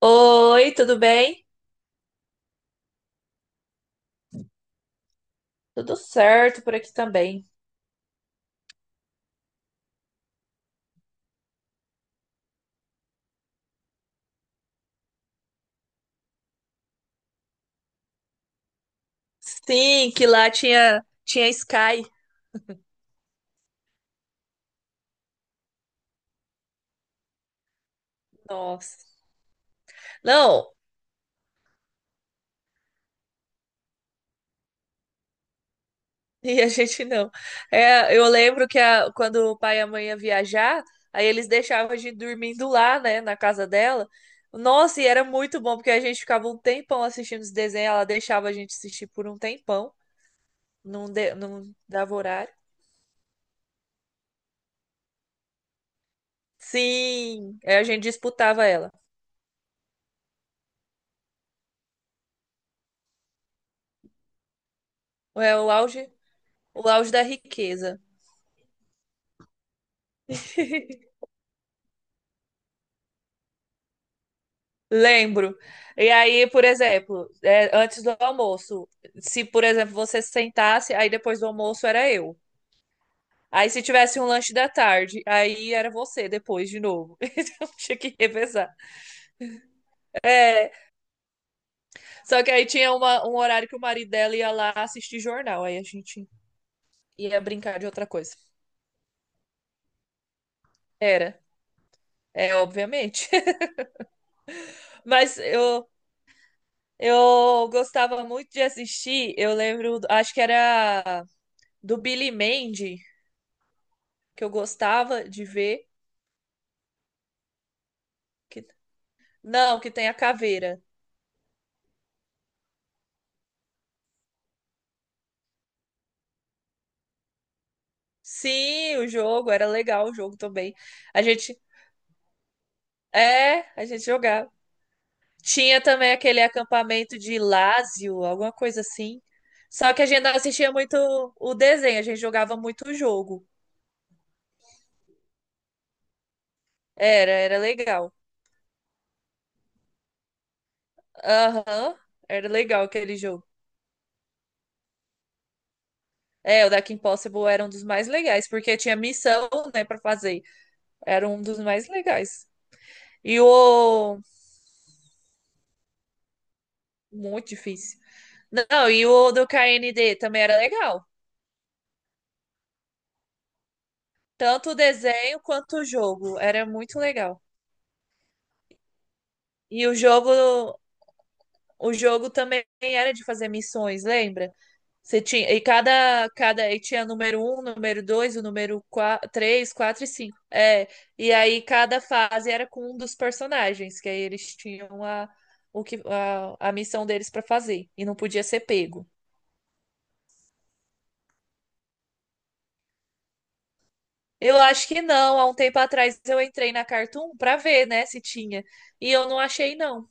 Oi, tudo bem? Tudo certo por aqui também. Sim, que lá tinha Sky. Nossa. Não, e a gente não. Eu lembro que quando o pai e a mãe ia viajar, aí eles deixavam a gente dormindo lá, né, na casa dela. Nossa, e era muito bom, porque a gente ficava um tempão assistindo os desenhos, ela deixava a gente assistir por um tempão, não, não dava horário. Sim, aí a gente disputava ela. É o auge da riqueza. Lembro. E aí, por exemplo, antes do almoço, se, por exemplo, você sentasse, aí depois do almoço era eu. Aí se tivesse um lanche da tarde, aí era você depois de novo. Então tinha que revezar. É, só que aí tinha um horário que o marido dela ia lá assistir jornal, aí a gente ia brincar de outra coisa. Era, é, obviamente. Mas eu gostava muito de assistir, eu lembro, acho que era do Billy Mandy. Que eu gostava de ver. Que... Não, que tem a caveira. Sim, o jogo era legal, o jogo também. A gente a gente jogava. Tinha também aquele acampamento de Lázio, alguma coisa assim. Só que a gente não assistia muito o desenho, a gente jogava muito o jogo. Era, era legal. Aham, era legal aquele jogo. É, o Deck Impossible era um dos mais legais, porque tinha missão, né, pra fazer. Era um dos mais legais. E o Muito difícil. Não, e o do KND também era legal. Tanto o desenho quanto o jogo. Era muito legal. E o jogo também era de fazer missões, lembra? Você tinha, e cada, e tinha número um, número dois, o número 4, 3, 4 e cinco. É, e aí cada fase era com um dos personagens, que aí eles tinham a missão deles para fazer. E não podia ser pego. Eu acho que não. Há um tempo atrás eu entrei na Cartoon pra ver, né, se tinha. E eu não achei, não.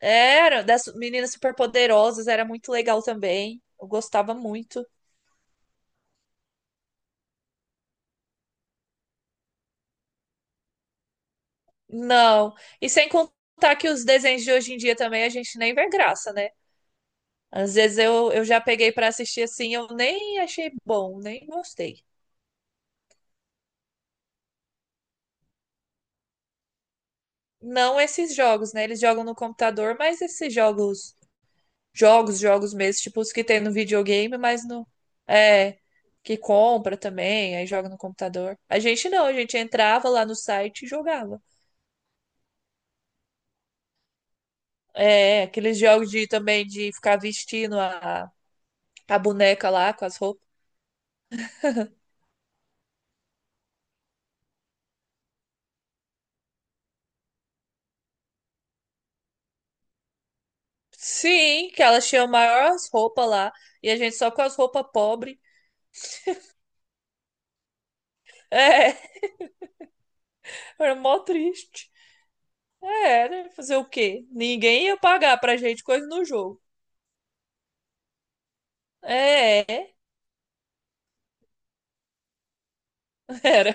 Era das meninas superpoderosas, era muito legal também. Eu gostava muito. Não. E sem contar que os desenhos de hoje em dia também a gente nem vê graça, né? Às vezes eu já peguei pra assistir assim, eu nem achei bom, nem gostei. Não esses jogos, né? Eles jogam no computador, mas esses jogos. Jogos, jogos mesmo, tipo os que tem no videogame, mas no. É, que compra também, aí joga no computador. A gente não, a gente entrava lá no site e jogava. É, aqueles jogos de também de ficar vestindo a boneca lá com as roupas. Sim, que elas tinham maiores roupas lá e a gente só com as roupas pobres. É, era mó triste. É, né? Fazer o quê? Ninguém ia pagar pra gente coisa no jogo. É, era.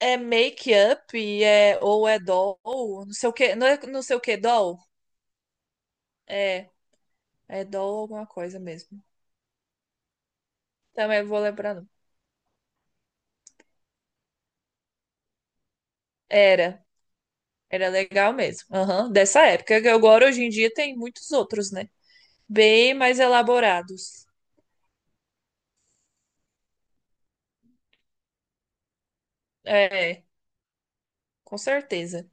É make-up, é, ou é doll, não sei o que, não é não sei o que, doll? É, é doll alguma coisa mesmo. Também vou lembrar não. Era, era legal mesmo. Aham, dessa época. Que agora, hoje em dia, tem muitos outros, né? Bem mais elaborados. É, com certeza.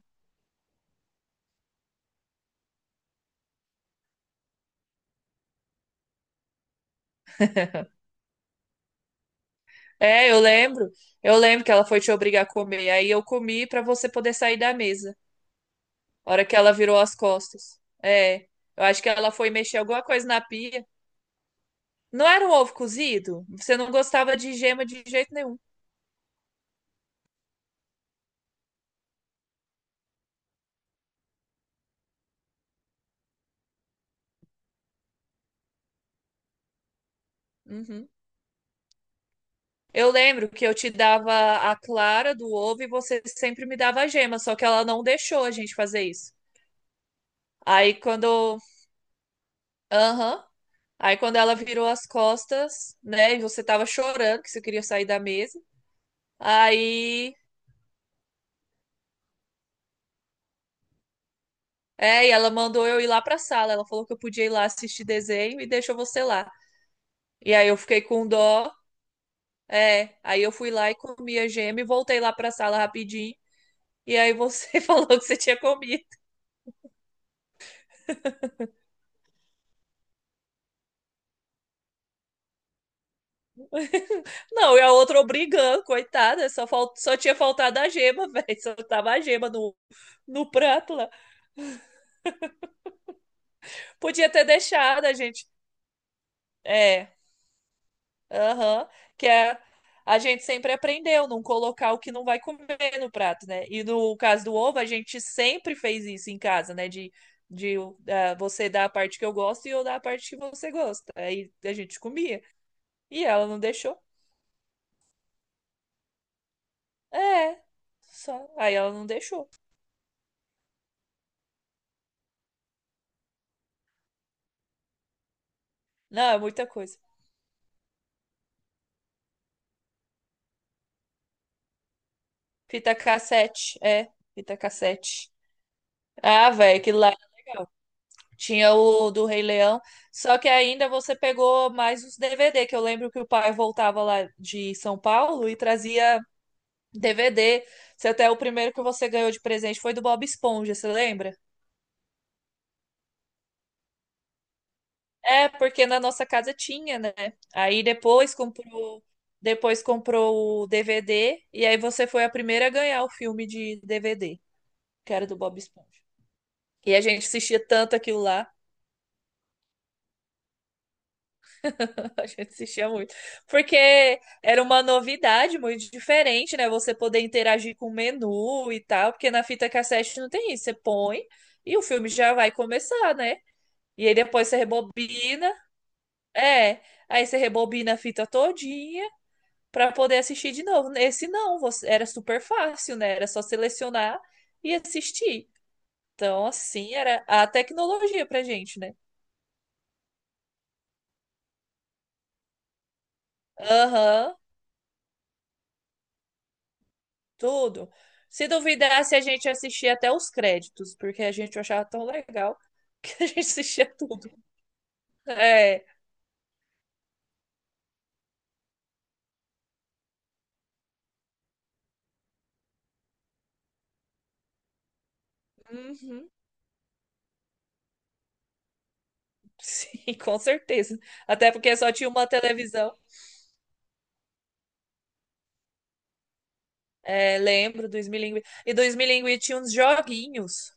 É, eu lembro. Eu lembro que ela foi te obrigar a comer. Aí eu comi pra você poder sair da mesa. A hora que ela virou as costas. É. Eu acho que ela foi mexer alguma coisa na pia. Não era um ovo cozido? Você não gostava de gema de jeito nenhum. Uhum. Eu lembro que eu te dava a clara do ovo e você sempre me dava a gema, só que ela não deixou a gente fazer isso. Aí quando. Aham. Aí quando ela virou as costas, né? E você tava chorando que você queria sair da mesa. Aí. É, e ela mandou eu ir lá pra sala. Ela falou que eu podia ir lá assistir desenho e deixou você lá. E aí eu fiquei com dó. É, aí eu fui lá e comi a gema e voltei lá pra sala rapidinho. E aí você falou que você tinha comido. Não, e a outra obrigando, coitada. Só, fal... só tinha faltado a gema, velho. Só tava a gema no prato lá. Podia ter deixado a gente. É, aham. que é, a gente sempre aprendeu não colocar o que não vai comer no prato, né? E no caso do ovo, a gente sempre fez isso em casa, né? De ah, você dar a parte que eu gosto e eu dar a parte que você gosta. Aí a gente comia. E ela não deixou. É, só. Aí ela não deixou. Não, é muita coisa. Fita cassete, é, fita cassete. Ah, velho, aquilo lá era legal. Tinha o do Rei Leão, só que ainda você pegou mais os DVD, que eu lembro que o pai voltava lá de São Paulo e trazia DVD. Se até o primeiro que você ganhou de presente foi do Bob Esponja, você lembra? É, porque na nossa casa tinha, né? Aí depois comprou o DVD e aí você foi a primeira a ganhar o filme de DVD, que era do Bob Esponja. E a gente assistia tanto aquilo lá. A gente assistia muito. Porque era uma novidade muito diferente, né? Você poder interagir com o menu e tal. Porque na fita cassete não tem isso. Você põe e o filme já vai começar, né? E aí depois você rebobina. É. Aí você rebobina a fita todinha para poder assistir de novo. Esse não, você- era super fácil, né? Era só selecionar e assistir. Então, assim, era a tecnologia pra gente, né? Aham, tudo. Se duvidasse, a gente assistia até os créditos, porque a gente achava tão legal que a gente assistia tudo. É, uhum, sim, com certeza. Até porque só tinha uma televisão. É, lembro, 2000 e 2000 tinha uns joguinhos.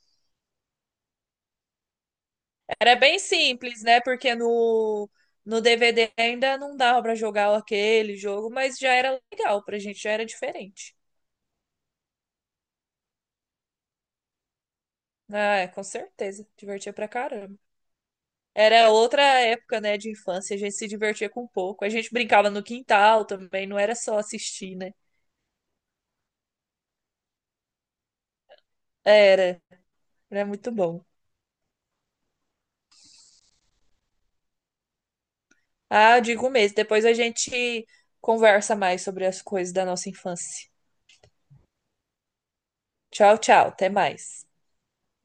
Era bem simples, né? Porque no DVD ainda não dava para jogar aquele jogo, mas já era legal pra gente, já era diferente. Ah, é, com certeza, divertia pra caramba. Era outra época, né, de infância, a gente se divertia com pouco. A gente brincava no quintal também, não era só assistir, né? Era, era muito bom. Ah, eu digo mesmo, depois a gente conversa mais sobre as coisas da nossa infância. Tchau, tchau, até mais.